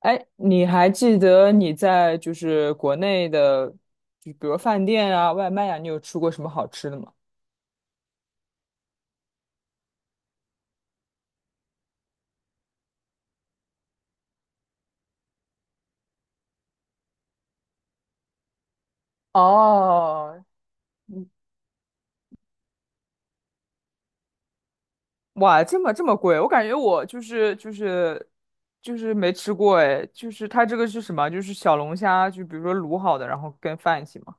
哎，你还记得你在就是国内的，就比如饭店啊、外卖啊，你有吃过什么好吃的吗？哦，哇，这么贵，我感觉我没吃过哎，就是它这个是什么？就是小龙虾，就比如说卤好的，然后跟饭一起吗？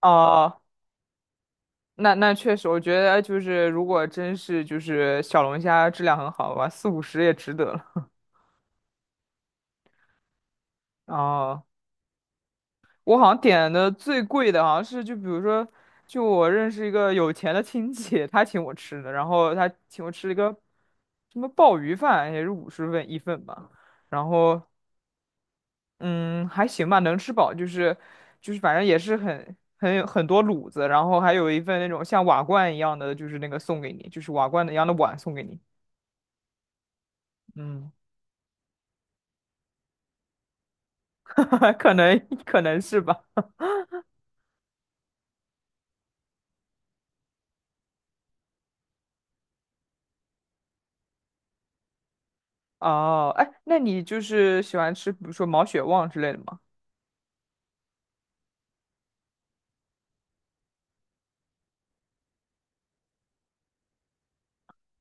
哦，那确实，我觉得就是如果真是就是小龙虾质量很好吧，四五十也值得了。哦。我好像点的最贵的，好像是就比如说，就我认识一个有钱的亲戚，他请我吃的，然后他请我吃了一个什么鲍鱼饭，也是五十份一份吧，然后嗯还行吧，能吃饱，就是反正也是很多卤子，然后还有一份那种像瓦罐一样的，就是那个送给你，就是瓦罐一样的碗送给你，嗯，可能可能是吧。哦，哎，那你就是喜欢吃，比如说毛血旺之类的吗？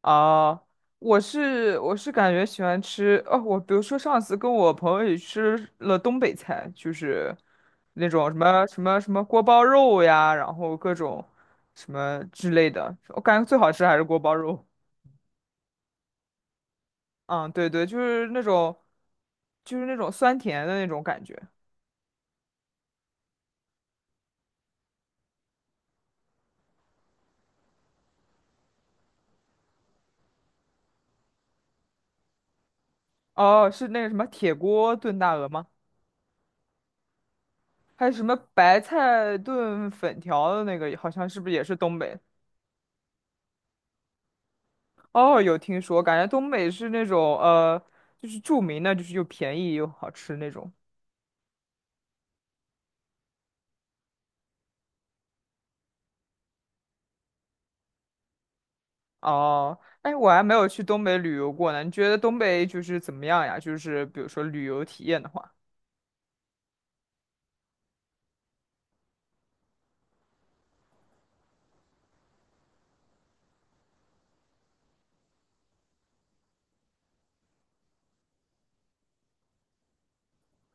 啊，我是感觉喜欢吃哦，我比如说上次跟我朋友一起吃了东北菜，就是那种什么锅包肉呀，然后各种什么之类的，我感觉最好吃还是锅包肉。嗯，对对，就是那种酸甜的那种感觉。哦，是那个什么铁锅炖大鹅吗？还有什么白菜炖粉条的那个，好像是不是也是东北？哦，有听说，感觉东北是那种就是著名的，就是又便宜又好吃那种。哦，哎，我还没有去东北旅游过呢。你觉得东北就是怎么样呀？就是比如说旅游体验的话，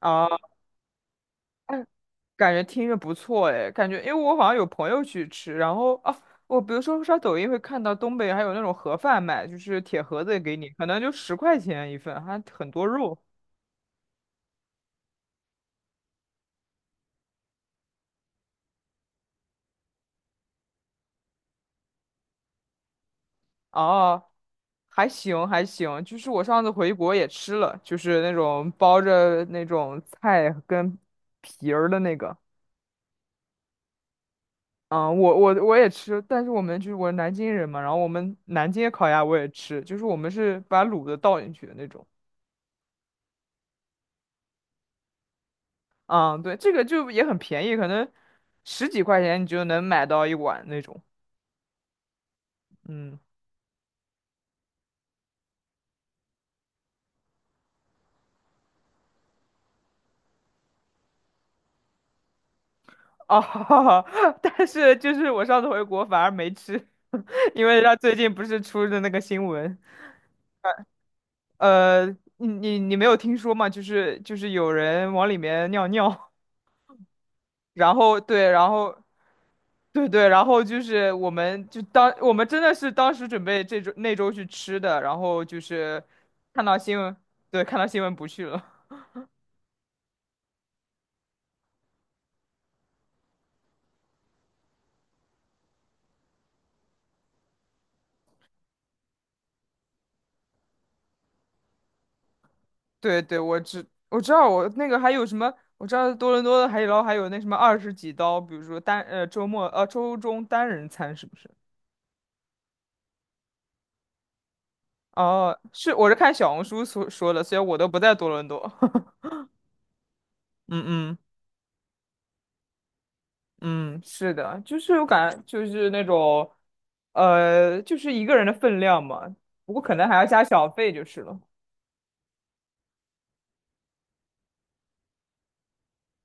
啊，哎感觉听着不错哎，感觉因为我好像有朋友去吃，然后啊，我比如说刷抖音会看到东北还有那种盒饭卖，就是铁盒子给你，可能就10块钱一份，还很多肉。哦，还行还行，就是我上次回国也吃了，就是那种包着那种菜跟皮儿的那个。嗯，我也吃，但是我们就是我是南京人嘛，然后我们南京烤鸭我也吃，就是我们是把卤的倒进去的那种。嗯，对，这个就也很便宜，可能十几块钱你就能买到一碗那种。嗯，哦，但是就是我上次回国反而没吃，因为他最近不是出的那个新闻。呃，你没有听说吗？就是有人往里面尿尿，然后对，然后对对，然后就是我们就当我们真的是当时准备这周那周去吃的，然后就是看到新闻，对，看到新闻不去了。对对，我知道我那个还有什么，我知道多伦多的海底捞还有那什么二十几刀，比如说单周末周中单人餐是不是？哦，是我是看小红书所说的，虽然我都不在多伦多。嗯嗯。嗯，是的，就是我感觉就是那种，就是一个人的分量嘛，不过可能还要加小费就是了。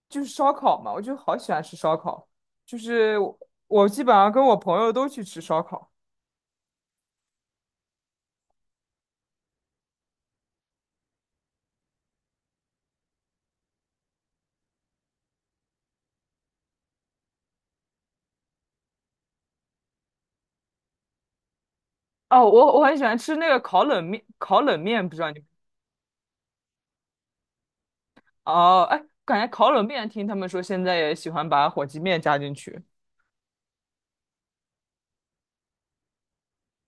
就是烧烤嘛，我就好喜欢吃烧烤，就是我基本上跟我朋友都去吃烧烤。哦，我很喜欢吃那个烤冷面，烤冷面不知道你哦，哎，感觉烤冷面听他们说现在也喜欢把火鸡面加进去。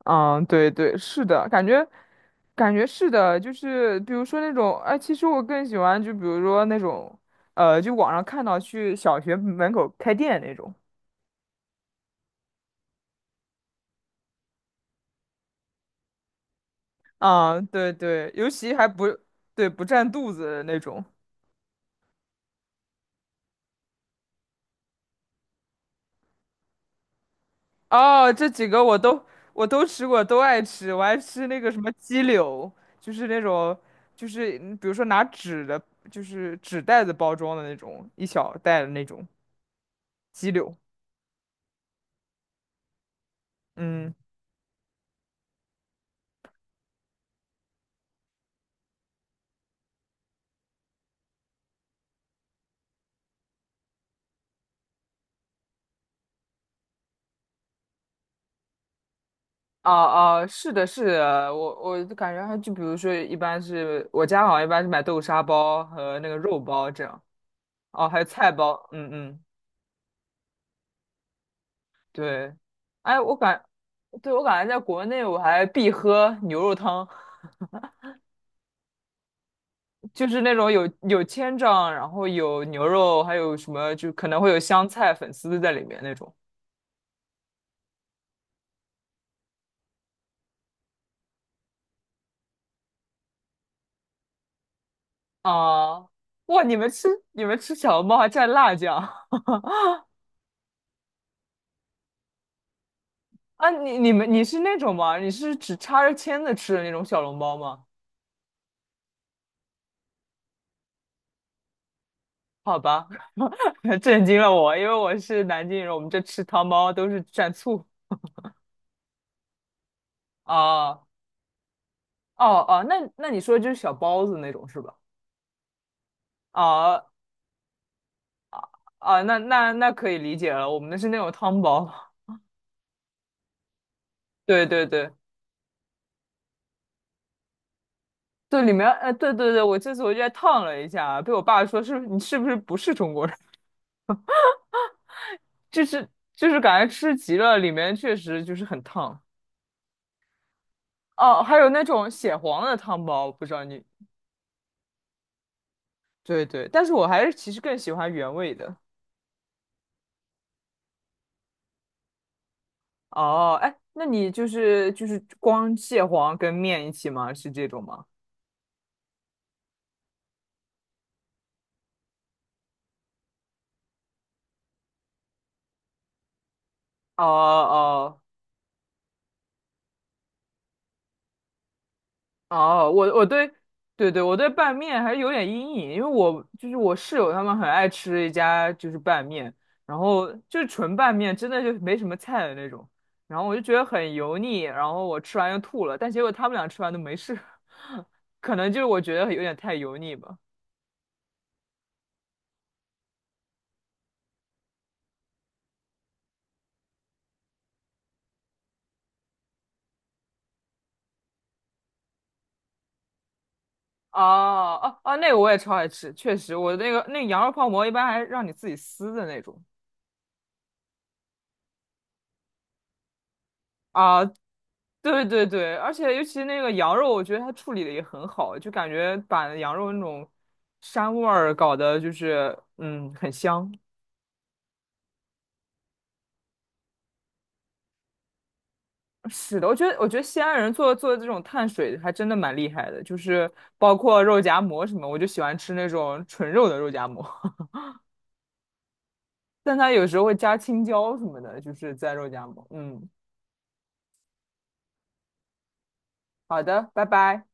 嗯，对对，是的，感觉，是的，就是比如说那种，哎，其实我更喜欢，就比如说那种，就网上看到去小学门口开店那种，啊，对对，尤其还不，对，不占肚子的那种。哦，这几个我都吃过，都爱吃，我还吃那个什么鸡柳，就是那种，就是比如说拿纸的，就是纸袋子包装的那种，一小袋的那种鸡柳，嗯。哦哦，是的，是的，我就感觉还就比如说，一般是我家好像一般是买豆沙包和那个肉包这样，哦，还有菜包，嗯嗯，对，哎，对，我感觉在国内我还必喝牛肉汤，就是那种有千张，然后有牛肉，还有什么就可能会有香菜、粉丝在里面那种。啊，哇，你们吃小笼包还蘸辣酱 啊？你是那种吗？你是只插着签子吃的那种小笼包吗？好吧，震惊了我，因为我是南京人，我们这吃汤包都是蘸醋。啊，哦哦，那你说就是小包子那种是吧？啊啊，那可以理解了，我们的是那种汤包。对对对，对里面，对对对，我这次回家烫了一下啊，被我爸说是你是不是不是中国人？就是就是感觉吃急了，里面确实就是很烫。哦，还有那种血黄的汤包，不知道你，对对，但是我还是其实更喜欢原味的。哦，哎，那你就是光蟹黄跟面一起吗？是这种吗？哦哦哦，我我对对，对，我对拌面还是有点阴影，因为我就是我室友他们很爱吃一家就是拌面，然后就是纯拌面，真的就是没什么菜的那种，然后我就觉得很油腻，然后我吃完又吐了，但结果他们俩吃完都没事，可能就是我觉得有点太油腻吧。哦哦哦，那个我也超爱吃，确实，我那个羊肉泡馍一般还让你自己撕的那种啊，对对对，而且尤其那个羊肉，我觉得它处理的也很好，就感觉把羊肉那种膻味儿搞得就是很香。是的，我觉得西安人做这种碳水还真的蛮厉害的，就是包括肉夹馍什么，我就喜欢吃那种纯肉的肉夹馍，但它有时候会加青椒什么的，就是在肉夹馍。嗯，好的，拜拜。